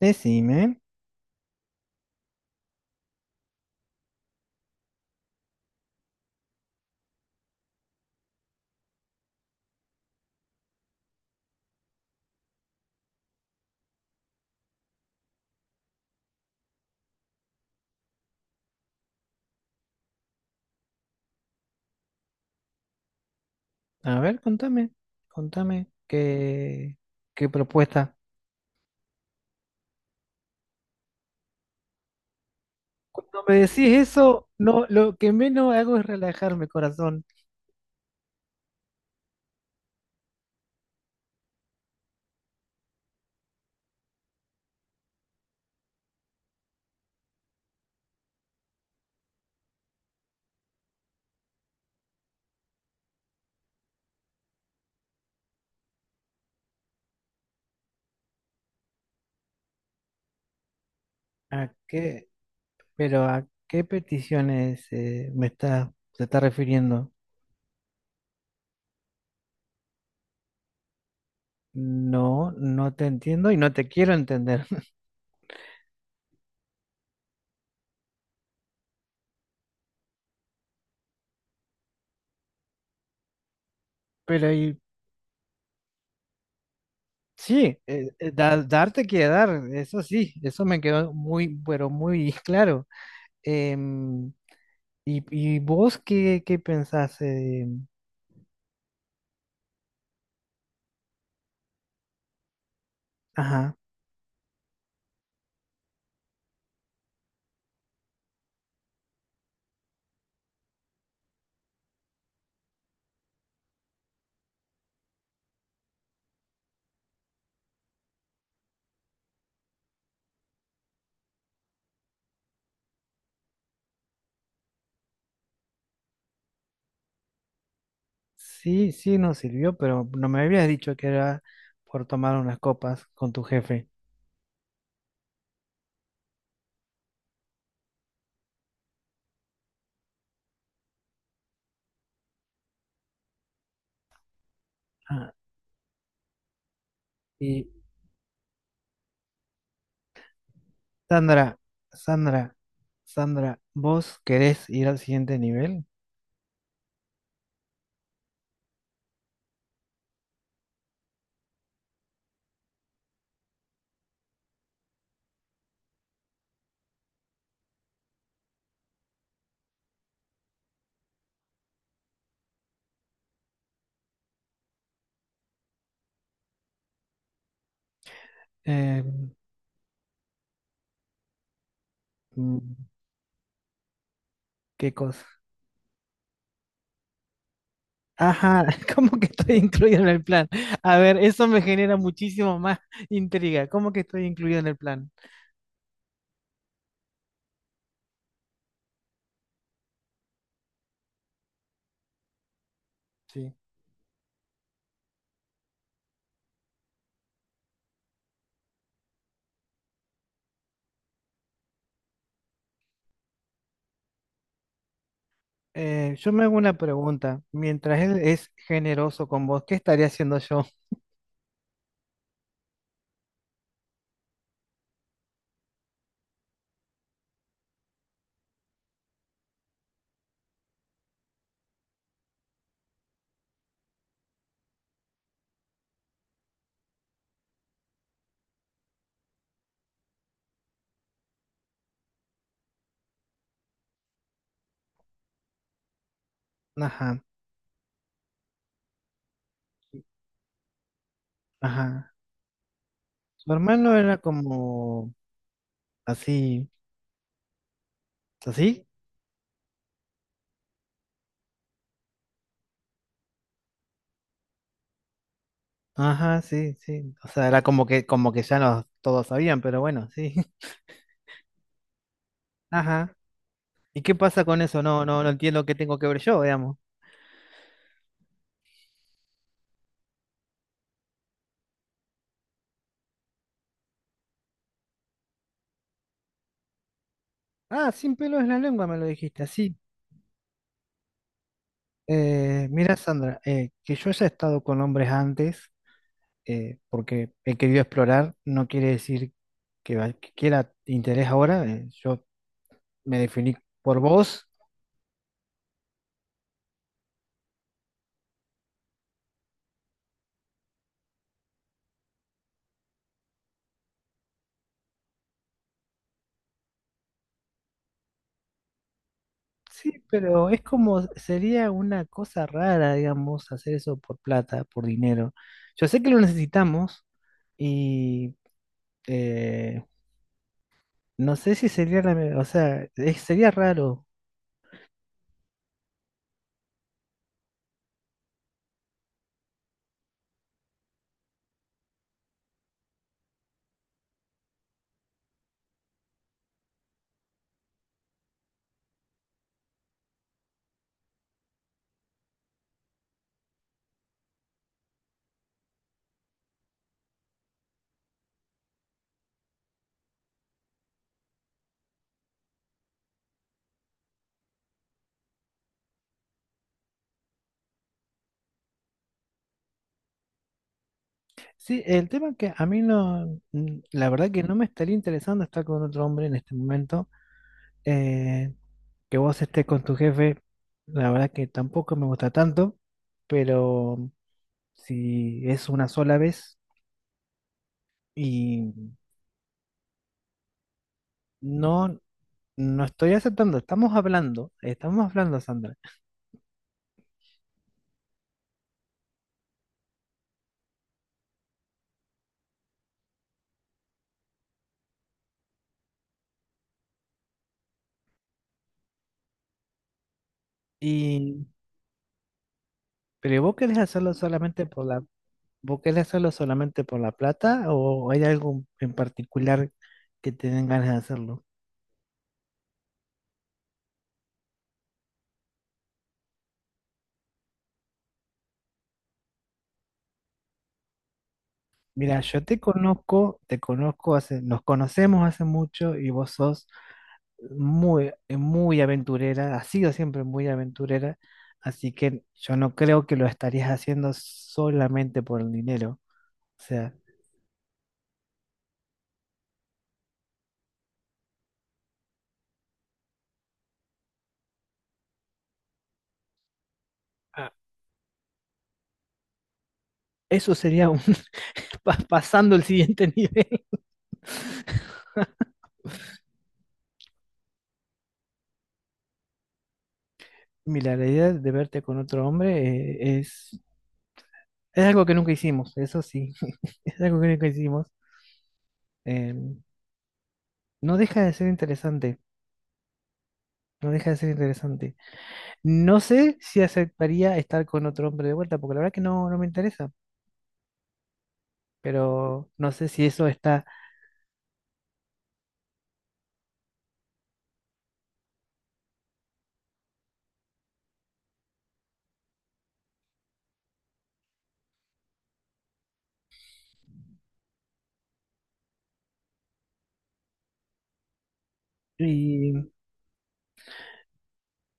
Decime, a ver, contame, contame qué, qué propuesta. Cuando me decís eso, no, lo que menos hago es relajarme, corazón. ¿A qué? Pero ¿a qué peticiones me está, se está refiriendo? No, no te entiendo y no te quiero entender. Pero y, sí, darte quiere dar, eso sí, eso me quedó muy, pero muy claro. Em, y, ¿y vos qué, qué pensás? Ajá. Sí, sí nos sirvió, pero no me habías dicho que era por tomar unas copas con tu jefe. Ah, y Sandra, Sandra, Sandra, ¿vos querés ir al siguiente nivel? Eh, mm, ¿Qué cosa? Ajá, ¿cómo que estoy incluido en el plan? A ver, eso me genera muchísimo más intriga. ¿Cómo que estoy incluido en el plan? Sí. Yo me hago una pregunta. Mientras él es generoso con vos, ¿qué estaría haciendo yo? Ajá, ajá. Su hermano era como así, así. Ajá, sí, sí. O sea, era como que ya nos todos sabían, pero bueno, sí. Ajá. ¿Y qué pasa con eso? No, no, no entiendo qué tengo que ver yo, digamos. Ah, sin pelo en la lengua me lo dijiste, así. Mira, Sandra, que yo haya estado con hombres antes, porque he querido explorar, no quiere decir que, que quiera interés ahora. Yo me definí por vos. Sí, pero es como, sería una cosa rara, digamos, hacer eso por plata, por dinero. Yo sé que lo necesitamos y eh, no sé si sería la, o sea, sería raro. Sí, el tema que a mí no, mm, la verdad que no me estaría interesando estar con otro hombre en este momento. eh, que vos estés con tu jefe, la verdad que tampoco me gusta tanto, pero si es una sola vez y... No, no estoy aceptando, estamos hablando, Sandra. Y, pero ¿vos querés hacerlo solamente por la, vos querés hacerlo solamente por la plata o hay algo en particular que te den ganas de hacerlo? Mira, yo te conozco hace, nos conocemos hace mucho y vos sos muy, muy aventurera, has sido siempre muy aventurera, así que yo no creo que lo estarías haciendo solamente por el dinero. O sea, ah, eso sería un pasando el siguiente nivel. Mira, la idea de verte con otro hombre es algo que nunca hicimos, eso sí, es algo que nunca hicimos. Eh, no deja de ser interesante, no deja de ser interesante. No sé si aceptaría estar con otro hombre de vuelta, porque la verdad que no, no me interesa, pero no sé si eso está... Y,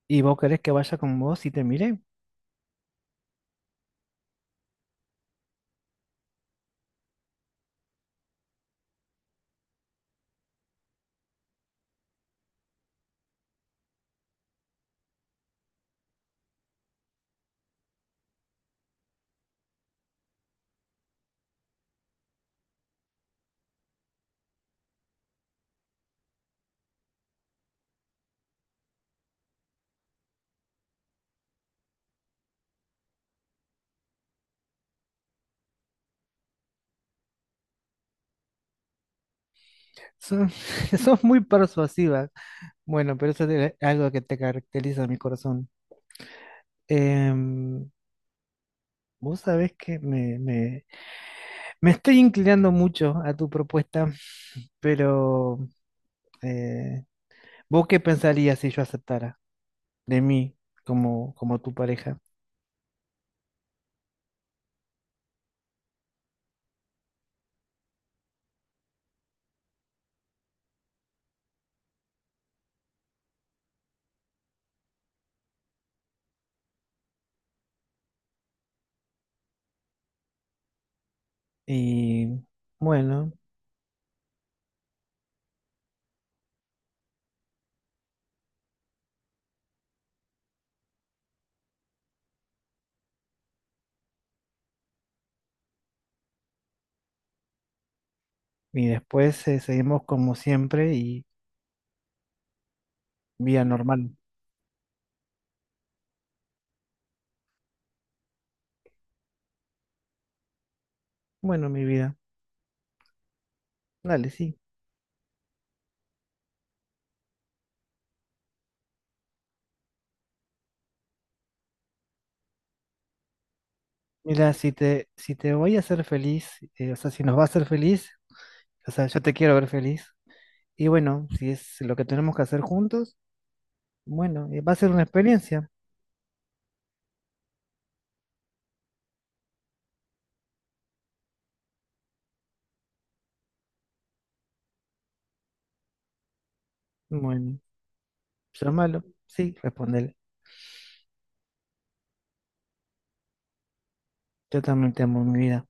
y vos querés que vaya con vos y te mire. Son- Sos muy persuasiva. Bueno, pero eso es algo que te caracteriza, mi corazón. Em, Vos sabés que me, me estoy inclinando mucho a tu propuesta, pero eh, ¿vos qué pensarías si yo aceptara de mí como, como tu pareja? Y bueno, y después seguimos como siempre y vía normal. Bueno, mi vida, dale, sí. Mira, si te, si te voy a hacer feliz, o sea, si nos va a hacer feliz, o sea, yo te quiero ver feliz. Y bueno, si es lo que tenemos que hacer juntos, bueno, va a ser una experiencia. Bueno. Eso es malo. Sí, respóndele. Yo también te amo, mi vida.